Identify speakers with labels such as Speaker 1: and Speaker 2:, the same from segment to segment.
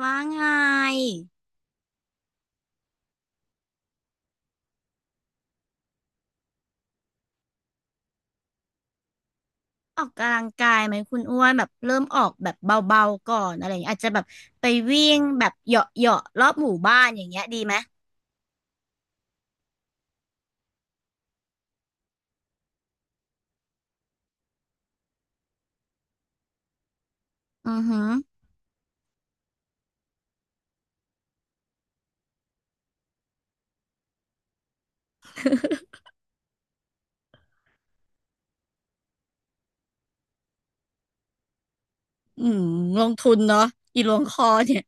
Speaker 1: ว่าไงออกกำลังกายไหมคุณอ้วนแบบเริ่มออกแบบเบาๆก่อนอะไรอย่างเงี้ยอาจจะแบบไปวิ่งแบบเหยาะเหาะรอบหมู่บ้านอย่างเงี้ยดีไหมอือหืออืมลงทุนเนาะอีหลวงคอเนี่ย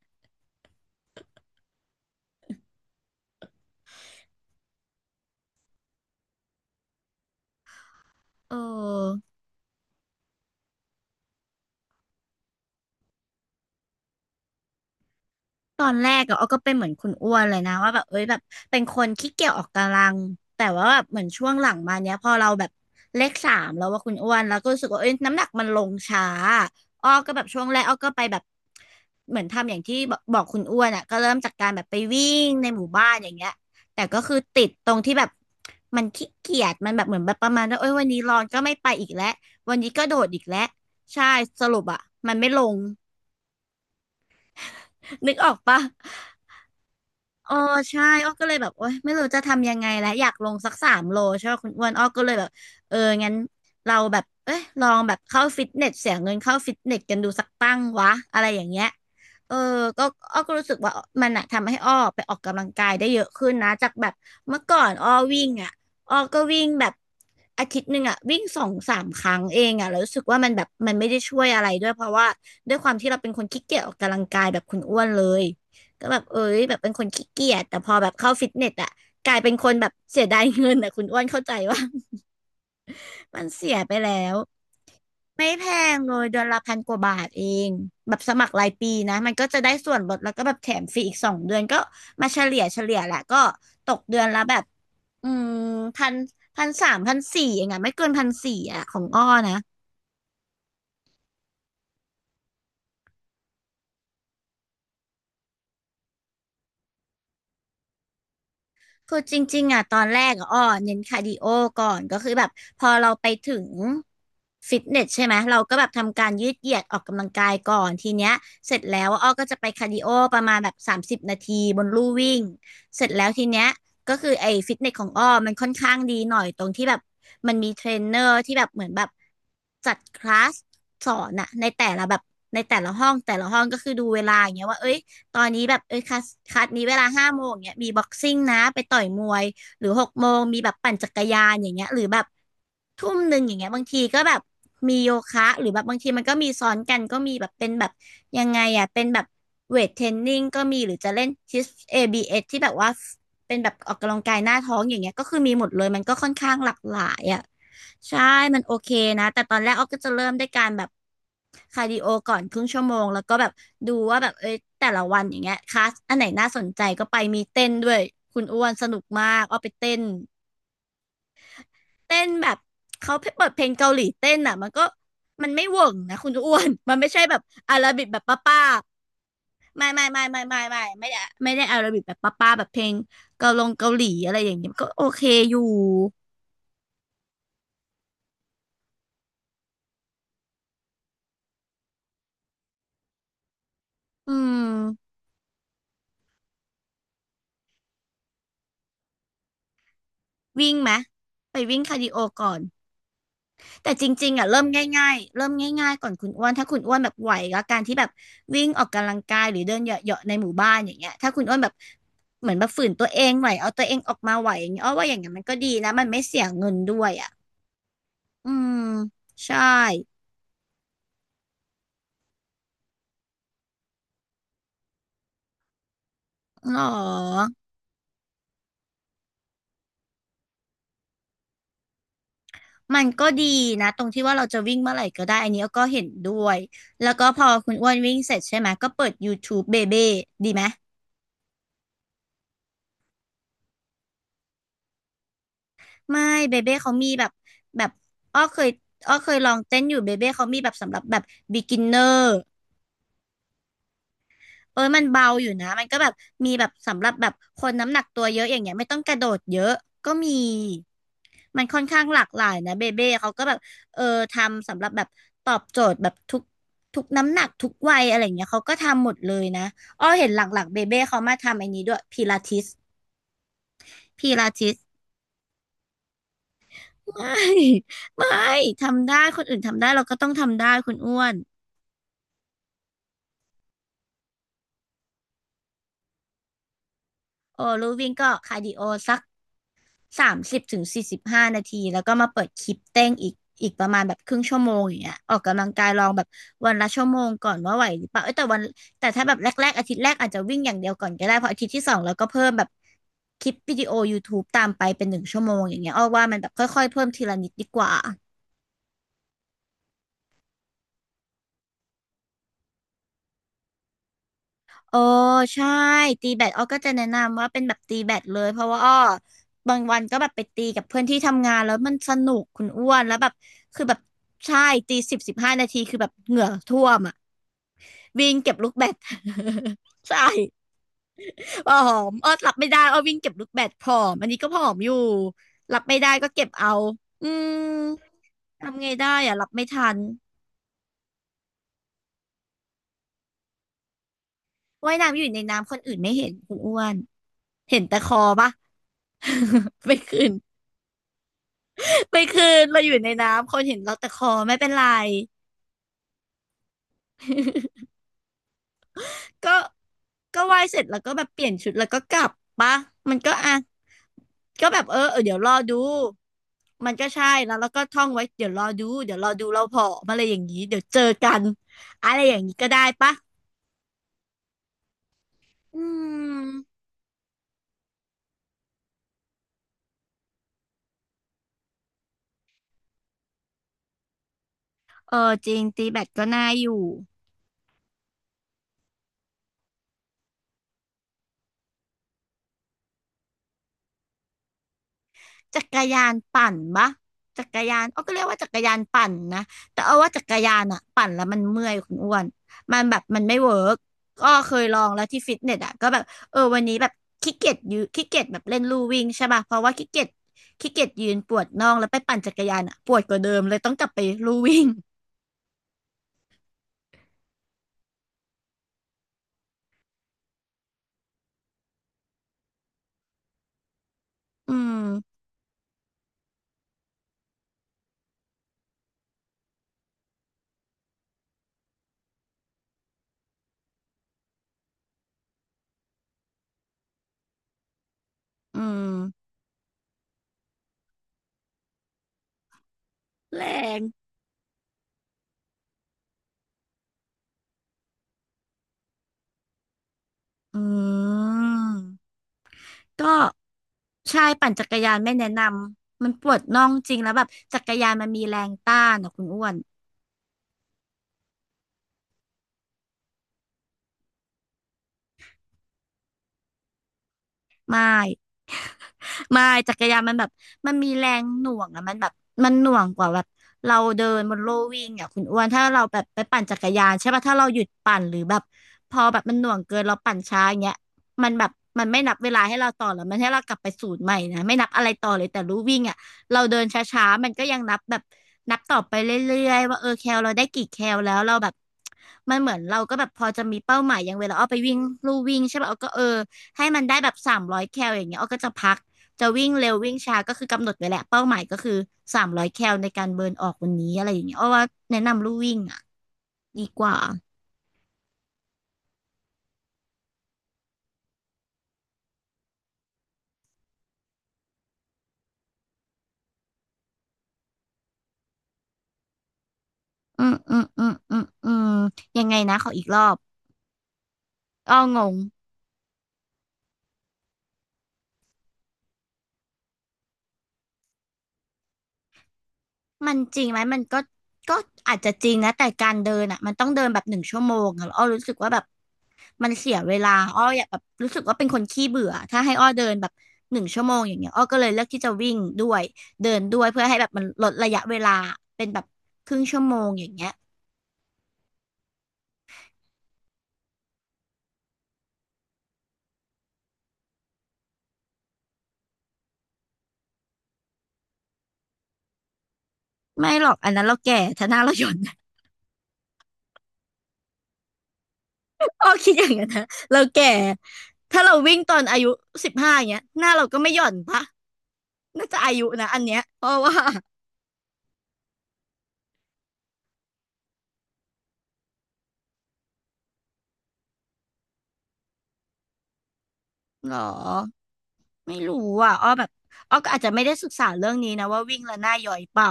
Speaker 1: เออ ตอนแรกอะอ้อก็เป็นเหมือนคุณอ้วนเลยนะว่าแบบเอ้ยแบบเป็นคนขี้เกียจออกกำลังแต่ว่าแบบเหมือนช่วงหลังมาเนี้ยพอเราแบบเลขสามแล้วว่าคุณอ้วนแล้วก็รู้สึกว่าเอ้ยน้ำหนักมันลงช้าอ้อก็แบบช่วงแรกอ้อก็ไปแบบเหมือนทำอย่างที่บอกบอกคุณอ้วนอะก็เริ่มจากการแบบไปวิ่งในหมู่บ้านอย่างเงี้ยแต่ก็คือติดตรงที่แบบมันขี้เกียจมันแบบเหมือนแบบประมาณว่าเอ้ยวันนี้ร้อนก็ไม่ไปอีกแล้ววันนี้ก็โดดอีกแล้วใช่สรุปอะมันไม่ลงนึกออกปะ อ๋อใช่อ้อก็เลยแบบโอ๊ยไม่รู้จะทำยังไงแล้วอยากลงสักสามโลใช่ไหมคุณอ้วนอ้อก็เลยแบบเอองั้นเราแบบเอ้ยลองแบบเข้าฟิตเนสเสียเงินเข้าฟิตเนสกันดูสักตั้งวะอะไรอย่างเงี้ยเออก็อ้อก็รู้สึกว่ามันอะทำให้อ้อไปออกกำลังกายได้เยอะขึ้นนะจากแบบเมื่อก่อนอ้อวิ่งอะอ้อก็วิ่งแบบอาทิตย์หนึ่งอะวิ่งสองสามครั้งเองอะแล้วรู้สึกว่ามันแบบมันไม่ได้ช่วยอะไรด้วยเพราะว่าด้วยความที่เราเป็นคนขี้เกียจออกกำลังกายแบบคุณอ้วนเลย ก็แบบเอ้ยแบบเป็นคนขี้เกียจแต่พอแบบเข้าฟิตเนสอะกลายเป็นคนแบบเสียดายเงินอะคุณอ้วนเข้าใจว่า มันเสียไปแล้วไม่แพงเลยเดือนละพันกว่าบาทเองแบบสมัครรายปีนะมันก็จะได้ส่วนลดแล้วก็แบบแถมฟรีอีกสองเดือนก็มาเฉลี่ยเฉลี่ยแหละก็ตกเดือนละแบบอืมพันพันสามพันสี่เองอะไม่เกินพันสี่อะของอ้อนะ คือจริงๆอ่ะตอนแรกอะอ้อเน้นคาร์ดิโอก่อนก็คือแบบพอเราไปถึงฟิตเนสใช่ไหมเราก็แบบทำการยืดเหยียดออกกำลังกายก่อนทีเนี้ยเสร็จแล้วอ้อก็จะไปคาร์ดิโอประมาณแบบสามสิบนาทีบนลู่วิ่งเสร็จแล้วทีเนี้ยก็คือไอ้ฟิตเนสของอ้อมันค่อนข้างดีหน่อยตรงที่แบบมันมีเทรนเนอร์ที่แบบเหมือนแบบจัดคลาสสอนอะในแต่ละแบบในแต่ละห้องก็คือดูเวลาอย่างเงี้ยว่าเอ้ย ตอนนี้แบบเอ้ยคลาสนี้เวลาห้าโมงเนี้ยมีบ็อกซิ่งนะไปต่อยมวยหรือหกโมงมีแบบปั่นจักรยานอย่างเงี้ยหรือแบบทุ่มหนึ่งอย่างเงี้ยบางทีก็แบบมีโยคะหรือแบบบางทีมันก็มีซ้อนกันก็มีแบบเป็นแบบยังไงอ่ะเป็นแบบเวทเทรนนิ่งก็มีหรือจะเล่นทิส ABS ที่แบบว่า เป็นแบบออกกำลังกายหน้าท้องอย่างเงี้ยก็คือมีหมดเลยมันก็ค่อนข้างหลากหลายอ่ะใช่มันโอเคนะแต่ตอนแรกออฟก็จะเริ่มด้วยการแบบคาร์ดิโอก่อนครึ่งชั่วโมงแล้วก็แบบดูว่าแบบเอ้ยแต่ละวันอย่างเงี้ยคลาสอันไหนน่าสนใจก็ไปมีเต้นด้วยคุณอ้วนสนุกมากออฟไปเต้นเต้นแบบเขาเปิดเพลงเกาหลีเต้นอ่ะมันก็มันไม่เวิร์กนะคุณอ้วนมันไม่ใช่แบบอาราบิกแบบป้า ไม่ได้อาราบิกแบบป้าๆแบบเพลงเกาลงเกาหลีอะไรอย่างเงี้ยก็โอเคอยู่อืมวิ่งไหมไปวิ่งคาร์ดิโอก่อนแต่จริงๆอ่ะเริ่มง่ายๆเริ่มง่ายๆก่อนคุณอ้วนถ้าคุณอ้วนแบบไหวกับการที่แบบวิ่งออกกำลังกายหรือเดินเหยาะๆในหมู่บ้านอย่างเงี้ยถ้าคุณอ้วนแบบเหมือนแบบฝืนตัวเองไหวเอาตัวเองออกมาไหวอย่างเงี้ยอ้อว่าอย่างเงี้ยมันก็ดีนะมันไม่เสียเงินด้วยอ่ะอืมใช่หรอ มันก็ดีนะตรงที่ว่าเราจะวิ่งเมื่อไหร่ก็ได้อันนี้ก็เห็นด้วยแล้วก็พอคุณอ้วนวิ่งเสร็จใช่ไหมก็เปิด YouTube เบเบ้ดีไหมไม่เบเบ้เขามีแบบแบบอ้อเคยอ้อเคยลองเต้นอยู่เบเบ้เขามีแบบสำหรับแบบ beginner เออมันเบาอยู่นะมันก็แบบมีแบบสำหรับแบบคนน้ำหนักตัวเยอะอย่างเงี้ยไม่ต้องกระโดดเยอะก็มีมันค่อนข้างหลากหลายนะเบเบ้เขาก็แบบเออทำสำหรับแบบตอบโจทย์แบบทุกน้ำหนักทุกวัยอะไรเงี้ยเขาก็ทำหมดเลยนะอ้อเห็นหลังๆเบเบ้เขามาทำไอ้นี้ด้วยพิลาทิสพิลาทิสไม่ไม่ทำได้คนอื่นทำได้เราก็ต้องทำได้คุณอ้วนโอ้ลูวิ่งก็คาร์ดิโอสัก 30 ถึง 45 นาทีแล้วก็มาเปิดคลิปเต้นอีกอีกประมาณแบบครึ่งชั่วโมงอย่างเงี้ยออกกำลังกายลองแบบวันละชั่วโมงก่อนว่าไหวหรือเปล่าเอ้ยแต่ถ้าแบบแรกๆอาทิตย์แรกอาจจะวิ่งอย่างเดียวก่อนก็ได้เพราะอาทิตย์ที่สองเราก็เพิ่มแบบคลิปวิดีโอยูทูบ e ตามไปเป็น1 ชั่วโมงอย่างเงี้ยอ้อว่ามันแบบค่อยๆเพิ่มทีละนิดดีกว่า โอ้ใช่ตีแบดอ้อก็จะแนะนำว่าเป็นแบบตีแบดเลยเพราะว่าอ้อบางวันก็แบบไปตีกับเพื่อนที่ทำงานแล้วมันสนุกคุณอ้วนแล้วแบบคือแบบใช่ตี10-15 นาทีคือแบบเหงื่อท่วมอ่ะวิ่งเก็บลูกแบด ใช่ผอมอ้อรับไม่ได้อ้อวิ่งเก็บลูกแบดผอมอันนี้ก็ผอมอยู่รับไม่ได้ก็เก็บเอาอืมทำไงได้อ่ะรับไม่ทันว่ายน้ำอยู่ในน้ำคนอื่นไม่เห็นคุณอ้วนเห็นแต่คอปะ ไม่ขึ้น ไปคืนเราอยู่ในน้ำคนเห็นเราแต่คอไม่เป็นไร ก็ไหวายเสร็จแล้วก็แบบเปลี่ยนชุดแล้วก็กลับปะมันก็อ่ะก็แบบเออเดี๋ยวรอดูมันก็ใช่แล้วแล้วก็ท่องไว้เดี๋ยวรอดูเดี๋ยวรอดูเราผอมอะไรอย่างนี้เดี๋ยวเจอกันอะไรอย่างนี้ก็ได้ปะอืมเออจริงตีแบตก็น่าอยู่ จักรยานปั่นปะจักรยานอ้อก็เรียกว่าจักรยานปั่นนะแต่เอาว่าจักรยานอะปั่นแล้วมันเมื่อยคุณอ้วนมันแบบมันไม่เวิร์กก็เคยลองแล้วที่ฟิตเนสอะก็แบบเออวันนี้แบบขี้เกียจยืนขี้เกียจแบบเล่นลู่วิ่งใช่ป่ะเพราะว่าขี้เกียจยืนปวดน่องแล้วไปปั่นจักรยานอะปวดกว่าเดิมเลยต้องกลับไปลู่วิ่งอืมอืมแรงอืม ก็ใช่ปั่นจักรยานไม่แนะนำมันปวดน่องจริงแล้วแบบจักรยานมันมีแรงต้านนะคุณอ้วนไม่ ไม่จักรยานมันแบบมันมีแรงหน่วงอะมันแบบมันหน่วงกว่าแบบเราเดินบนโลวิ่งอะคุณอ้วนถ้าเราแบบไปปั่นจักรยานใช่ป่ะถ้าเราหยุดปั่นหรือแบบพอแบบมันหน่วงเกินเราปั่นช้าอย่างเงี้ยมันแบบมันไม่นับเวลาให้เราต่อหรอกมันให้เรากลับไปศูนย์ใหม่นะไม่นับอะไรต่อเลยแต่รู้วิ่งอะเราเดินช้าๆมันก็ยังนับแบบต่อไปเรื่อยๆว่าเออแคลเราได้กี่แคลแล้วเราแบบมันเหมือนเราก็แบบพอจะมีเป้าหมายอย่างเวลาเอาไปวิ่งลู่วิ่งใช่ป่ะเอาก็เออให้มันได้แบบสามร้อยแคลอย่างเงี้ยเอาก็จะพัก จะวิ่งเร็ววิ่งช้าก็คือกำหนดไว้แหละเป้าหมายก็คือสามร้อยแคลในการเบิร์นออกวันนี้อะไรอย่างเงี้ยอาว่าแนะนำลู่วิ่งอ่ะดีกว่าอืมอืมอืมอืมอืมยังไงนะขออีกรอบอ้องงมันจริงไหมมันก็ก็อาจจะจริงนะแต่การเดินอ่ะมันต้องเดินแบบหนึ่งชั่วโมงอะแล้วอ้อรู้สึกว่าแบบมันเสียเวลาอ้ออยากแบบรู้สึกว่าเป็นคนขี้เบื่อถ้าให้อ้อเดินแบบหนึ่งชั่วโมงอย่างเงี้ยอ้อก็เลยเลือกที่จะวิ่งด้วยเดินด้วยเพื่อให้แบบมันลดระยะเวลาเป็นแบบครึ่งชั่วโมงอย่างเงี้ย ไม่หรอกอันนั้นเราแก่ถ้าหน้าเราหย่อน อ้อ คิดอย่างนั้นนะเราแก่ถ้าเราวิ่งตอนอายุสิบห้าอย่างเงี้ยหน้าเราก็ไม่หย่อนปะน่าจะอายุนะอันเนี้ยเพราะว่า หรอไม่รู้อ่ะอ้อแบบอ้อก็อาจจะไม่ได้ศึกษาเรื่องนี้นะว่าวิ่งแล้วหน้าหย่อยเปล่า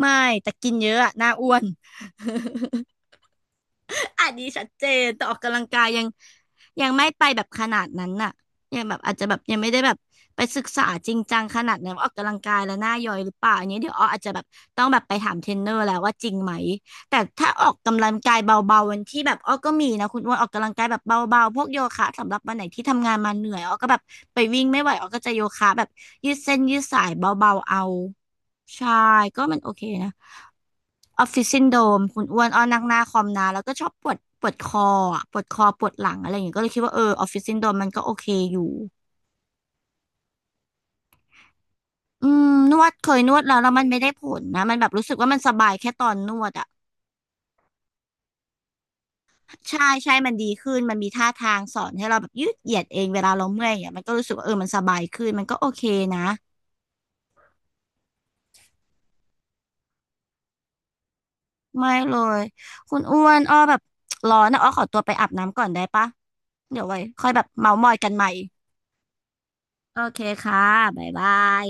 Speaker 1: ไม่แต่กินเยอะอะหน้าอ้วน อันนี้ชัดเจนแต่ออกกำลังกายยังไม่ไปแบบขนาดนั้นน่ะยังแบบอาจจะแบบยังไม่ได้แบบไปศึกษาจริงจังขนาดนั้นว่าออกกำลังกายแล้วหน้าย่อยหรือเปล่าอันนี้เดี๋ยวอออาจจะแบบต้องแบบไปถามเทรนเนอร์แล้วว่าจริงไหมแต่ถ้าออกกำลังกายเบาๆวันที่แบบอ้อก็มีนะคุณอ้วนออกกำลังกายแบบเบาๆพวกโยคะสำหรับวันไหนที่ทำงานมาเหนื่อยอ้อก็แบบไปวิ่งไม่ไหวอ้อก็จะโยคะแบบยืดเส้นยืดสายเบาๆเอาใช่ก็มันโอเคนะ ออฟฟิศซินโดรมคุณอ้วนอ้อนั่งหน้าคอมนานแล้วก็ชอบปวดปวดคออ่ะปวดคอปวดหลังอะไรอย่างเงี้ยก็เลยคิดว่าเออออฟฟิศซินโดรมมันก็โอเคอยู่อืมนวดเคยนวดแล้วแล้วมันไม่ได้ผลนะมันแบบรู้สึกว่ามันสบายแค่ตอนนวดอ่ะใช่ใช่มันดีขึ้นมันมีท่าทางสอนให้เราแบบยืดเหยียดเองเวลาเราเมื่อยอ่ะมันก็รู้สึกว่าเออมันสบายขึ้นมันก็โอเคนะไม่เลยคุณอ้วนอ้อแบบร้อนนะอ้อขอตัวไปอาบน้ำก่อนได้ปะเดี๋ยวไว้ค่อยแบบเมามอยกันใหม่โอเคค่ะบ๊ายบาย